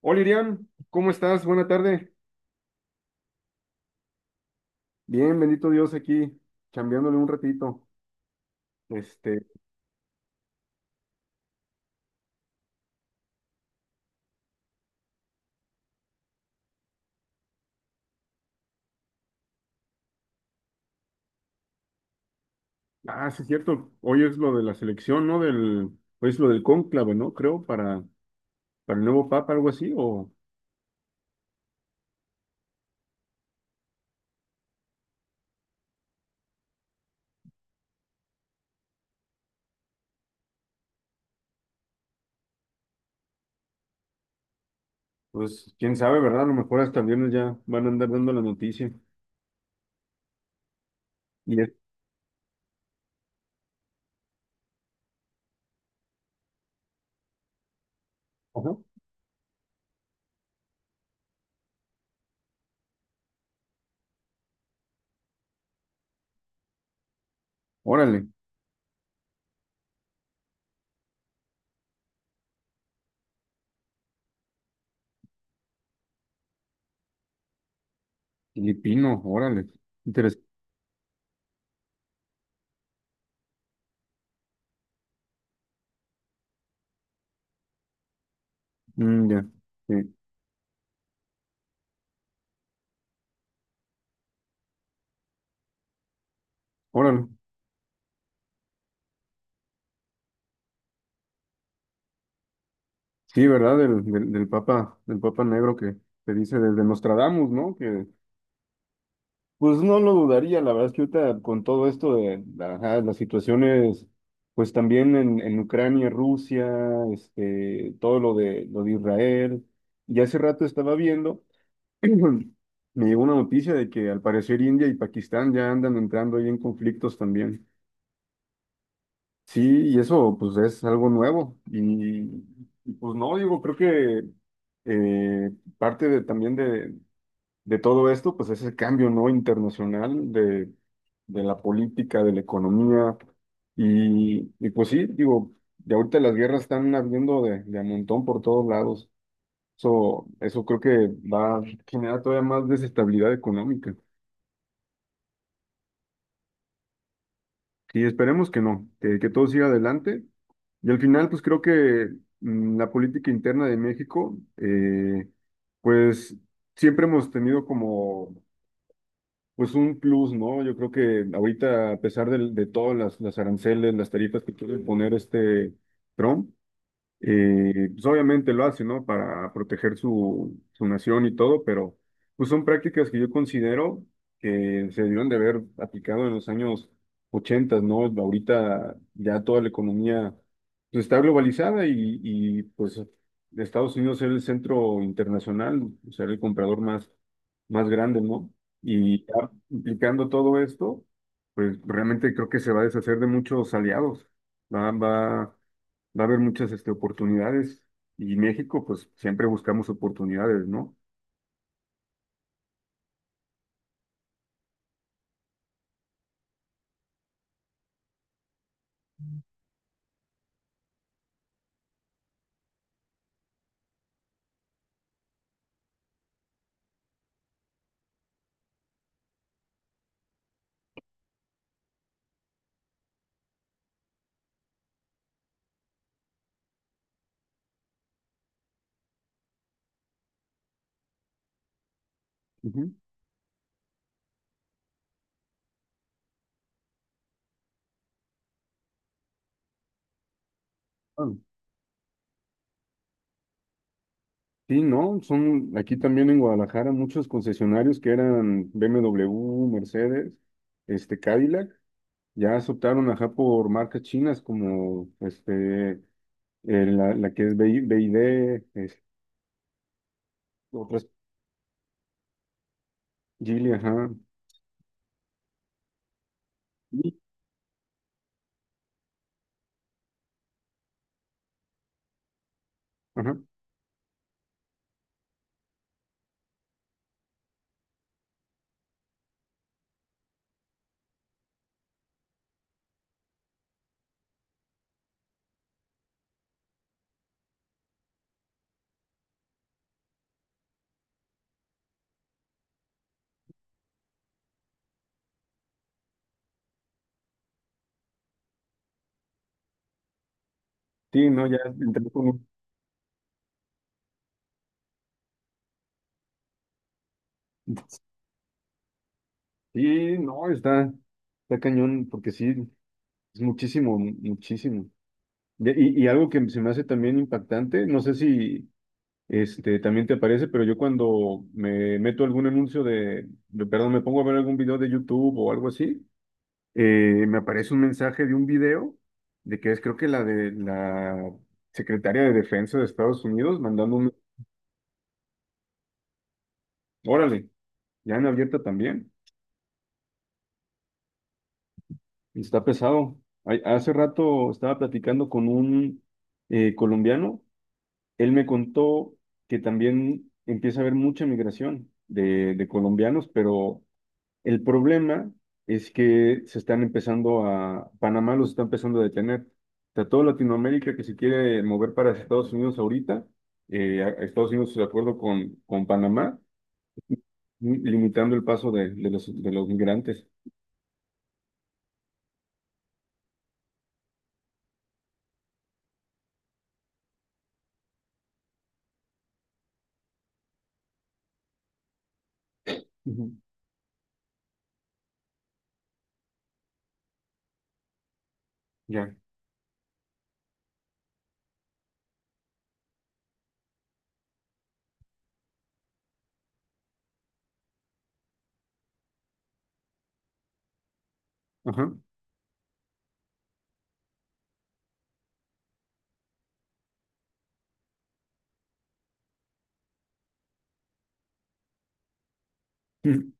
Hola Iriam, ¿cómo estás? Buena tarde. Bien, bendito Dios aquí, chambeándole un ratito. Este, sí es cierto, hoy es lo de la selección, ¿no? Hoy es lo del cónclave, ¿no? Creo, para el nuevo papa, algo así. O pues quién sabe, ¿verdad? A lo mejor hasta el viernes ya van a andar dando la noticia. Y es, ajá, órale, filipino, órale, interesante. Mm, ya, sí, órale. Sí, ¿verdad? Del papa negro que se dice desde Nostradamus, ¿no? Que Pues no lo dudaría, la verdad es que ahorita con todo esto de, ajá, las situaciones, pues también en Ucrania, Rusia, todo lo de Israel, y hace rato estaba viendo, me llegó una noticia de que al parecer India y Pakistán ya andan entrando ahí en conflictos también. Sí, y eso pues es algo nuevo. Y, y, pues no, digo, creo que eh, parte de, también de todo esto, pues es el cambio, ¿no? Internacional de la política, de la economía. Y pues sí, digo, de ahorita las guerras están habiendo de a montón por todos lados. Eso creo que va a generar todavía más desestabilidad económica. Y esperemos que no, que todo siga adelante. Y al final, pues creo que la política interna de México, pues siempre hemos tenido como pues un plus, ¿no? Yo creo que ahorita, a pesar de todas las aranceles, las tarifas que quieren poner este Trump, pues obviamente lo hace, ¿no? Para proteger su, su nación y todo, pero pues son prácticas que yo considero que se debieron de haber aplicado en los años 80, ¿no? Ahorita ya toda la economía pues, está globalizada. Y, y pues Estados Unidos es el centro internacional, o sea, el comprador más, más grande, ¿no? Y ya implicando todo esto, pues realmente creo que se va a deshacer de muchos aliados. Va, va a haber muchas este, oportunidades, y México, pues siempre buscamos oportunidades, ¿no? Ujú. Ah, sí, no, son aquí también en Guadalajara muchos concesionarios que eran BMW, Mercedes, este Cadillac, ya se optaron, ajá, por marcas chinas, como este, la que es BYD, es- otras Geely, ajá. Y, ajá. Sí, no, ya entré con- Sí, no, está, está cañón porque sí es muchísimo, muchísimo. Ya, Y, y algo que se me hace también impactante, no sé si este, también te aparece, pero yo cuando me meto algún anuncio perdón, me pongo a ver algún video de YouTube o algo así, me aparece un mensaje de un video de que es, creo que, la de la secretaria de Defensa de Estados Unidos mandando un, órale, ya en abierta también, y está pesado. Ay, hace rato estaba platicando con un, colombiano. Él me contó que también empieza a haber mucha migración de colombianos, pero el problema es que se están empezando a, Panamá los está empezando a detener. O sea, toda Latinoamérica que se quiere mover para Estados Unidos ahorita, a Estados Unidos de acuerdo con Panamá, limitando el paso de los migrantes. Ujú. Ya. Ajá. Ujú.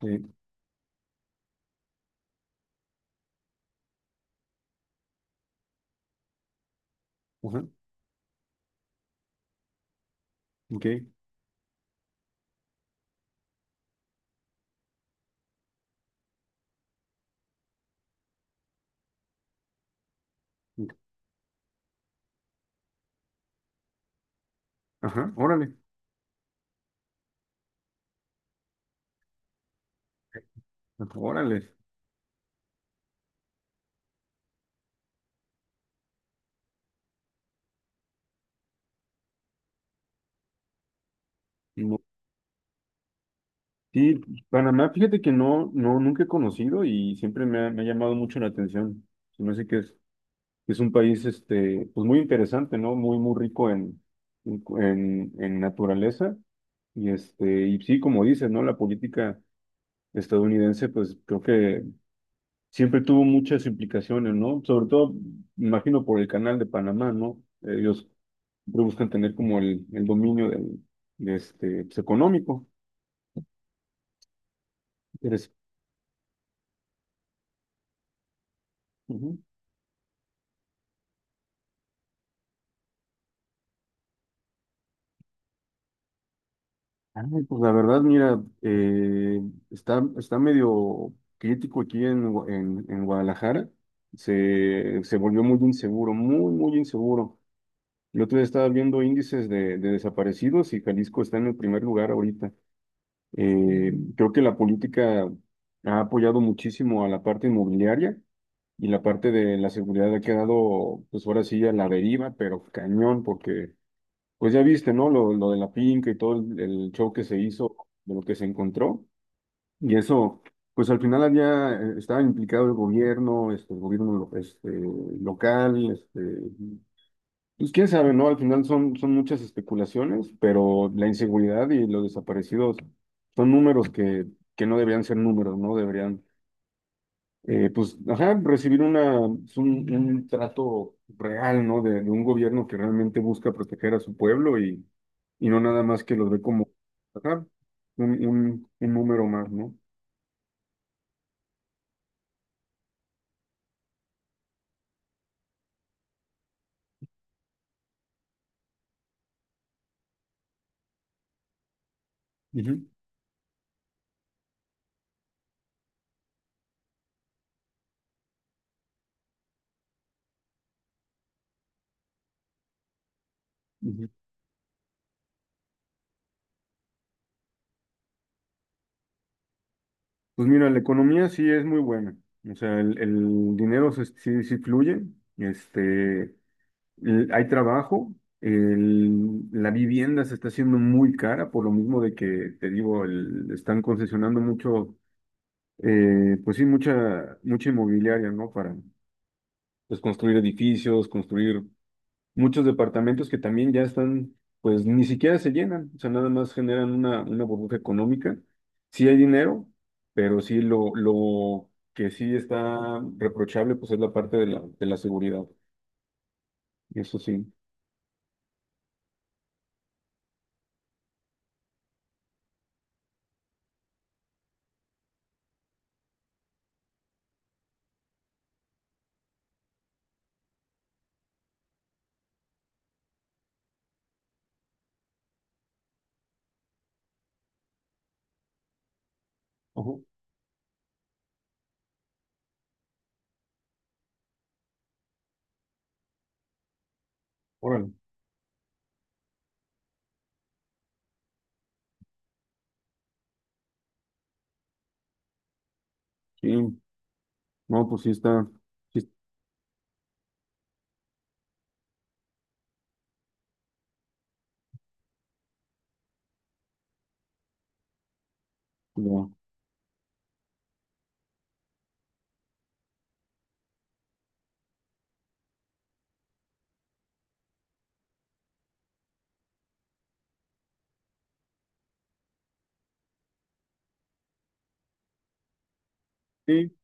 Sí. Ajá. Ok. Ajá. Órale. Órale. Sí, Panamá, fíjate que no, no, nunca he conocido y siempre me ha llamado mucho la atención. Se me hace que es un país, este, pues muy interesante, ¿no? Muy, muy rico en, en naturaleza. Y este, y sí, como dices, ¿no? La política estadounidense, pues creo que siempre tuvo muchas implicaciones, ¿no? Sobre todo, me imagino, por el canal de Panamá, ¿no? Ellos siempre buscan tener como el dominio del, de este, pues, económico. Interes- Ujú. Ay, pues la verdad, mira, está, está medio crítico aquí en, en Guadalajara. Se volvió muy inseguro, muy, muy inseguro. El otro día estaba viendo índices de desaparecidos y Jalisco está en el primer lugar ahorita. Creo que la política ha apoyado muchísimo a la parte inmobiliaria y la parte de la seguridad ha quedado, pues ahora sí, a la deriva, pero cañón, porque pues ya viste, ¿no? Lo de la finca y todo el show que se hizo, de lo que se encontró. Y eso, pues al final había, estaba implicado el gobierno, este, el gobierno este, local, este, pues quién sabe, ¿no? Al final son, son muchas especulaciones, pero la inseguridad y los desaparecidos son números que no deberían ser números, ¿no? Deberían, pues, ajá, recibir una, pues, un trato real, ¿no? De un gobierno que realmente busca proteger a su pueblo, y no nada más que los ve como, ajá, un número más, ¿no? Ujú, ujú. Pues mira, la economía sí es muy buena, o sea, el dinero sí, sí fluye, este, hay trabajo, la vivienda se está haciendo muy cara por lo mismo de que, te digo, están concesionando mucho, pues sí, mucha, mucha inmobiliaria, ¿no? Para pues, construir edificios, construir muchos departamentos que también ya están, pues ni siquiera se llenan, o sea, nada más generan una burbuja económica. Sí hay dinero, pero sí lo que sí está reprochable, pues es la parte de la seguridad, eso sí. Ojo, órale. Sí, no, pues sí está, sí, no. Sí,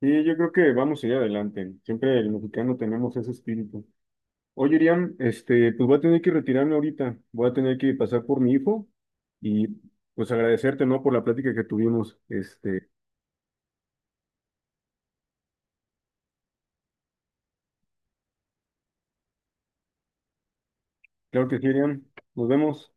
sí, yo creo que vamos a ir adelante. Siempre el mexicano tenemos ese espíritu. Oye, Iriam, este, pues voy a tener que retirarme ahorita, voy a tener que pasar por mi hijo y pues agradecerte, ¿no? Por la plática que tuvimos. Este, claro que sí, Iriam, nos vemos.